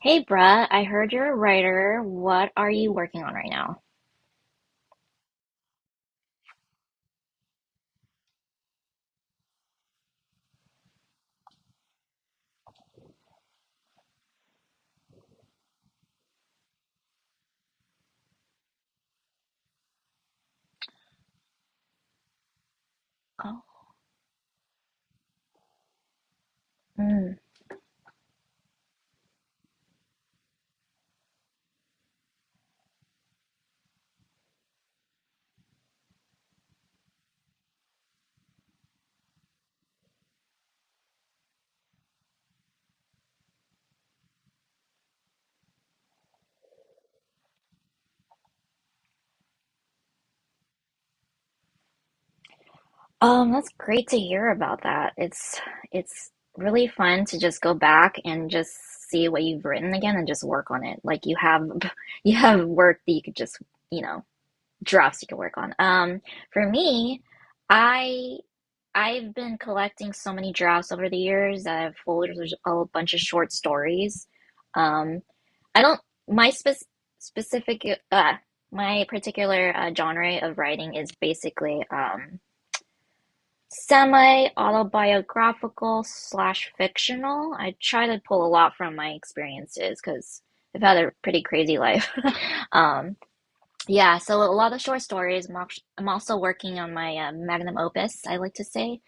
Hey, bruh, I heard you're a writer. What are you working on right now? Oh, mm. That's great to hear about that. It's really fun to just go back and just see what you've written again and just work on it. Like you have you have work that you could just, you know, drafts you could work on. For me, I I've been collecting so many drafts over the years. I have folders of a bunch of short stories. Um, I don't my spec Specific uh my particular genre of writing is basically semi autobiographical slash fictional. I try to pull a lot from my experiences because I've had a pretty crazy life. Um yeah, so a lot of short stories. I'm also working on my magnum opus, I like to say.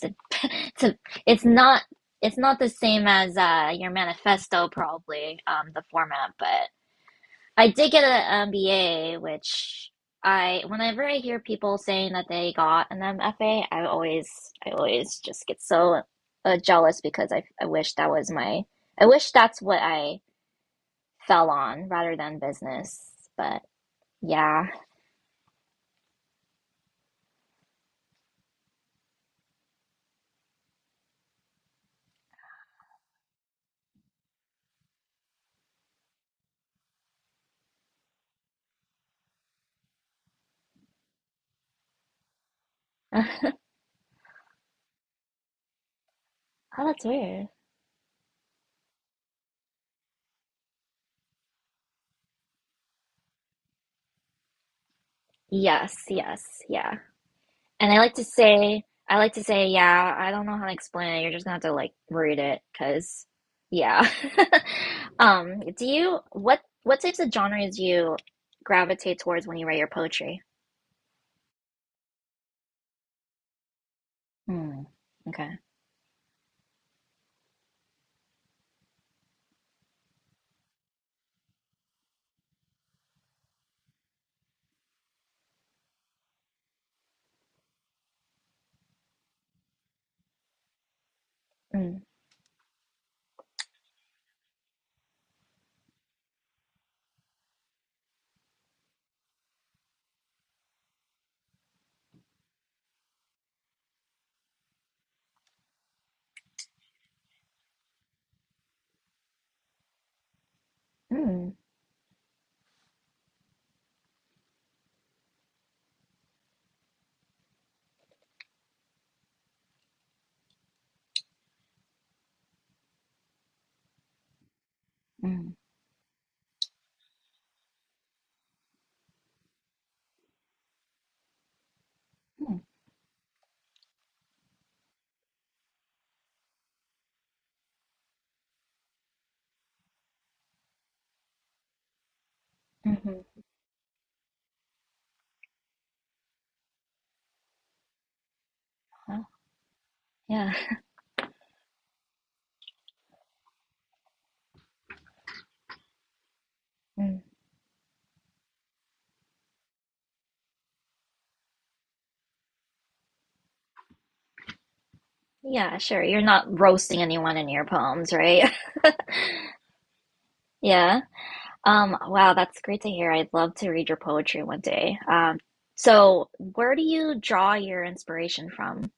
it's a, it's not it's not the same as your manifesto probably, the format, but. I did get an MBA, which whenever I hear people saying that they got an MFA, I always just get so jealous because I wish that was I wish that's what I fell on rather than business. But yeah. Oh, that's weird. Yes, yes, yeah. And I like to say, I like to say, yeah, I don't know how to explain it. You're just gonna have to like read it, cause yeah. Do you what types of genres do you gravitate towards when you write your poetry? Mm, okay. Mm, mm, mm, mm, mm-hmm. Well, yeah. Mm. Yeah, sure. You're not roasting anyone in your poems, right? Yeah. Wow, that's great to hear. I'd love to read your poetry one day. So where do you draw your inspiration from?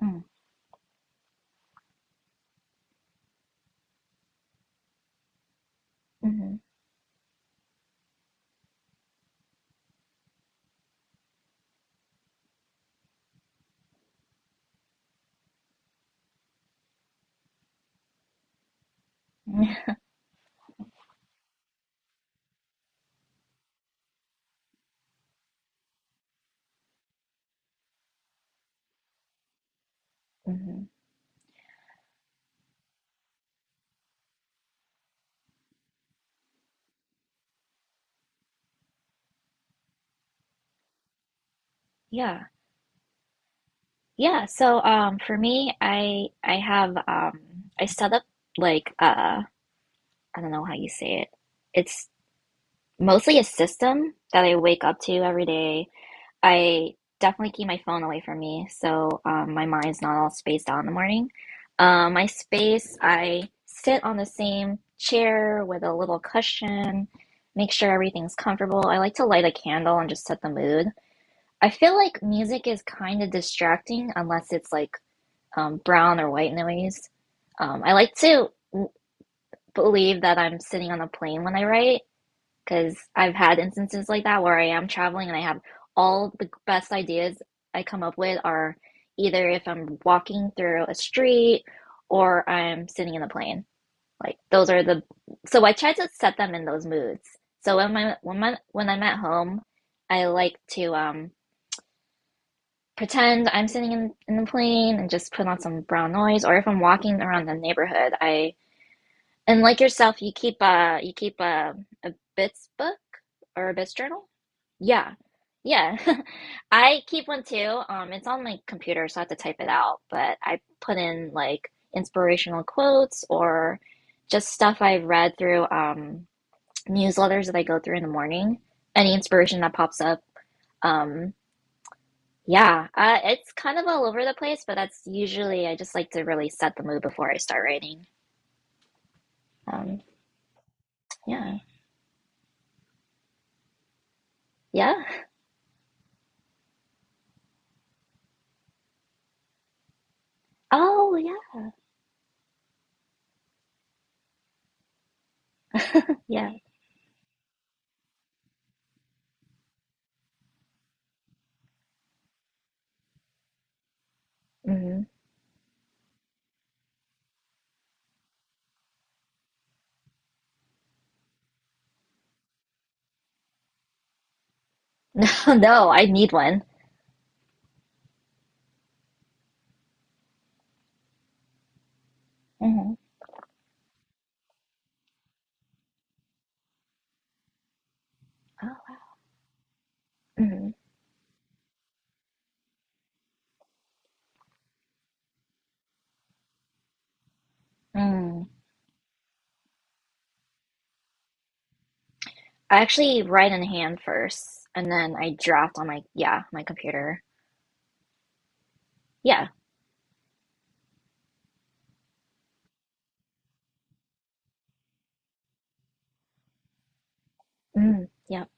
Mm, mhm, mhm. Yeah. Yeah. So for me I have I set up like uh I don't know how you say it. It's mostly a system that I wake up to every day. I definitely keep my phone away from me, so my mind's not all spaced out in the morning. My space, I sit on the same chair with a little cushion, make sure everything's comfortable. I like to light a candle and just set the mood. I feel like music is kind of distracting unless it's like brown or white noise. I like to believe that I'm sitting on a plane when I write, because I've had instances like that where I am traveling and I have all the best ideas I come up with are either if I'm walking through a street or I'm sitting in a plane. Like those are the, so I try to set them in those moods. So when I'm at home, I like to pretend I'm sitting in the plane and just put on some brown noise, or if I'm walking around the neighborhood, I, and like yourself, you keep a a bits book or a bits journal. Yeah, yeah, I keep one too. It's on my computer, so I have to type it out. But I put in like inspirational quotes or just stuff I've read through newsletters that I go through in the morning. Any inspiration that pops up. Um, yeah, it's kind of all over the place, but that's usually, I just like to really set the mood before I start writing. Um, yeah, yeah. Oh, yeah, yeah. hmm No, I need one. Hmm Oh, wow. hmm Mm. I actually write in hand first, and then I draft on my, yeah, my computer. Yeah. Mm. Yep.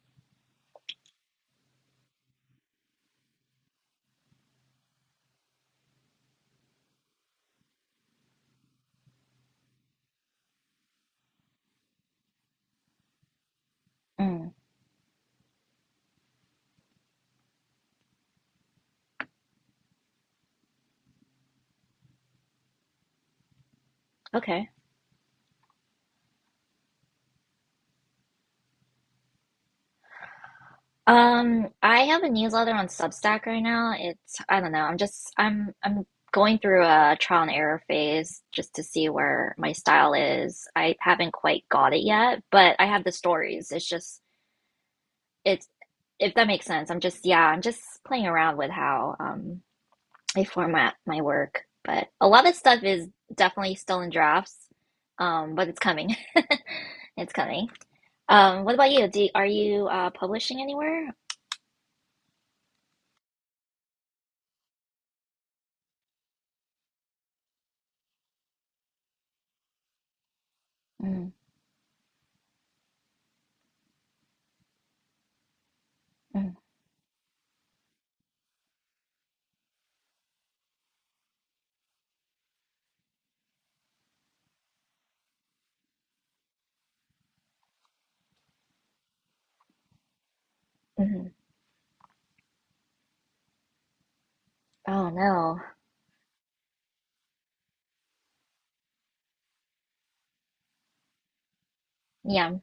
Mm. Okay. I have a newsletter on Substack right now. It's, I don't know. I'm just I'm going through a trial and error phase just to see where my style is. I haven't quite got it yet, but I have the stories. It's just it's If that makes sense. I'm just playing around with how I format my work. But a lot of stuff is definitely still in drafts. But it's coming. It's coming. What about you? Are you publishing anywhere? Mm, mm, mhm. Oh no. Yeah.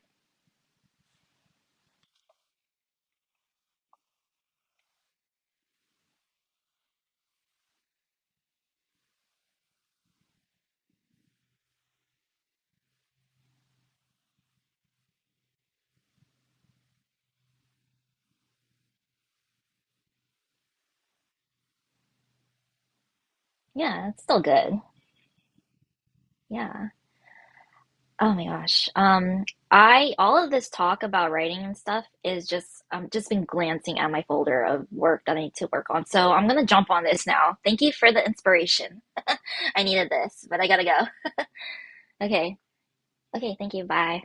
Yeah, it's still good. Yeah. Oh my gosh. I, all of this talk about writing and stuff is just been glancing at my folder of work that I need to work on. So I'm gonna jump on this now. Thank you for the inspiration. I needed this, but I gotta go. Okay. Okay, thank you. Bye.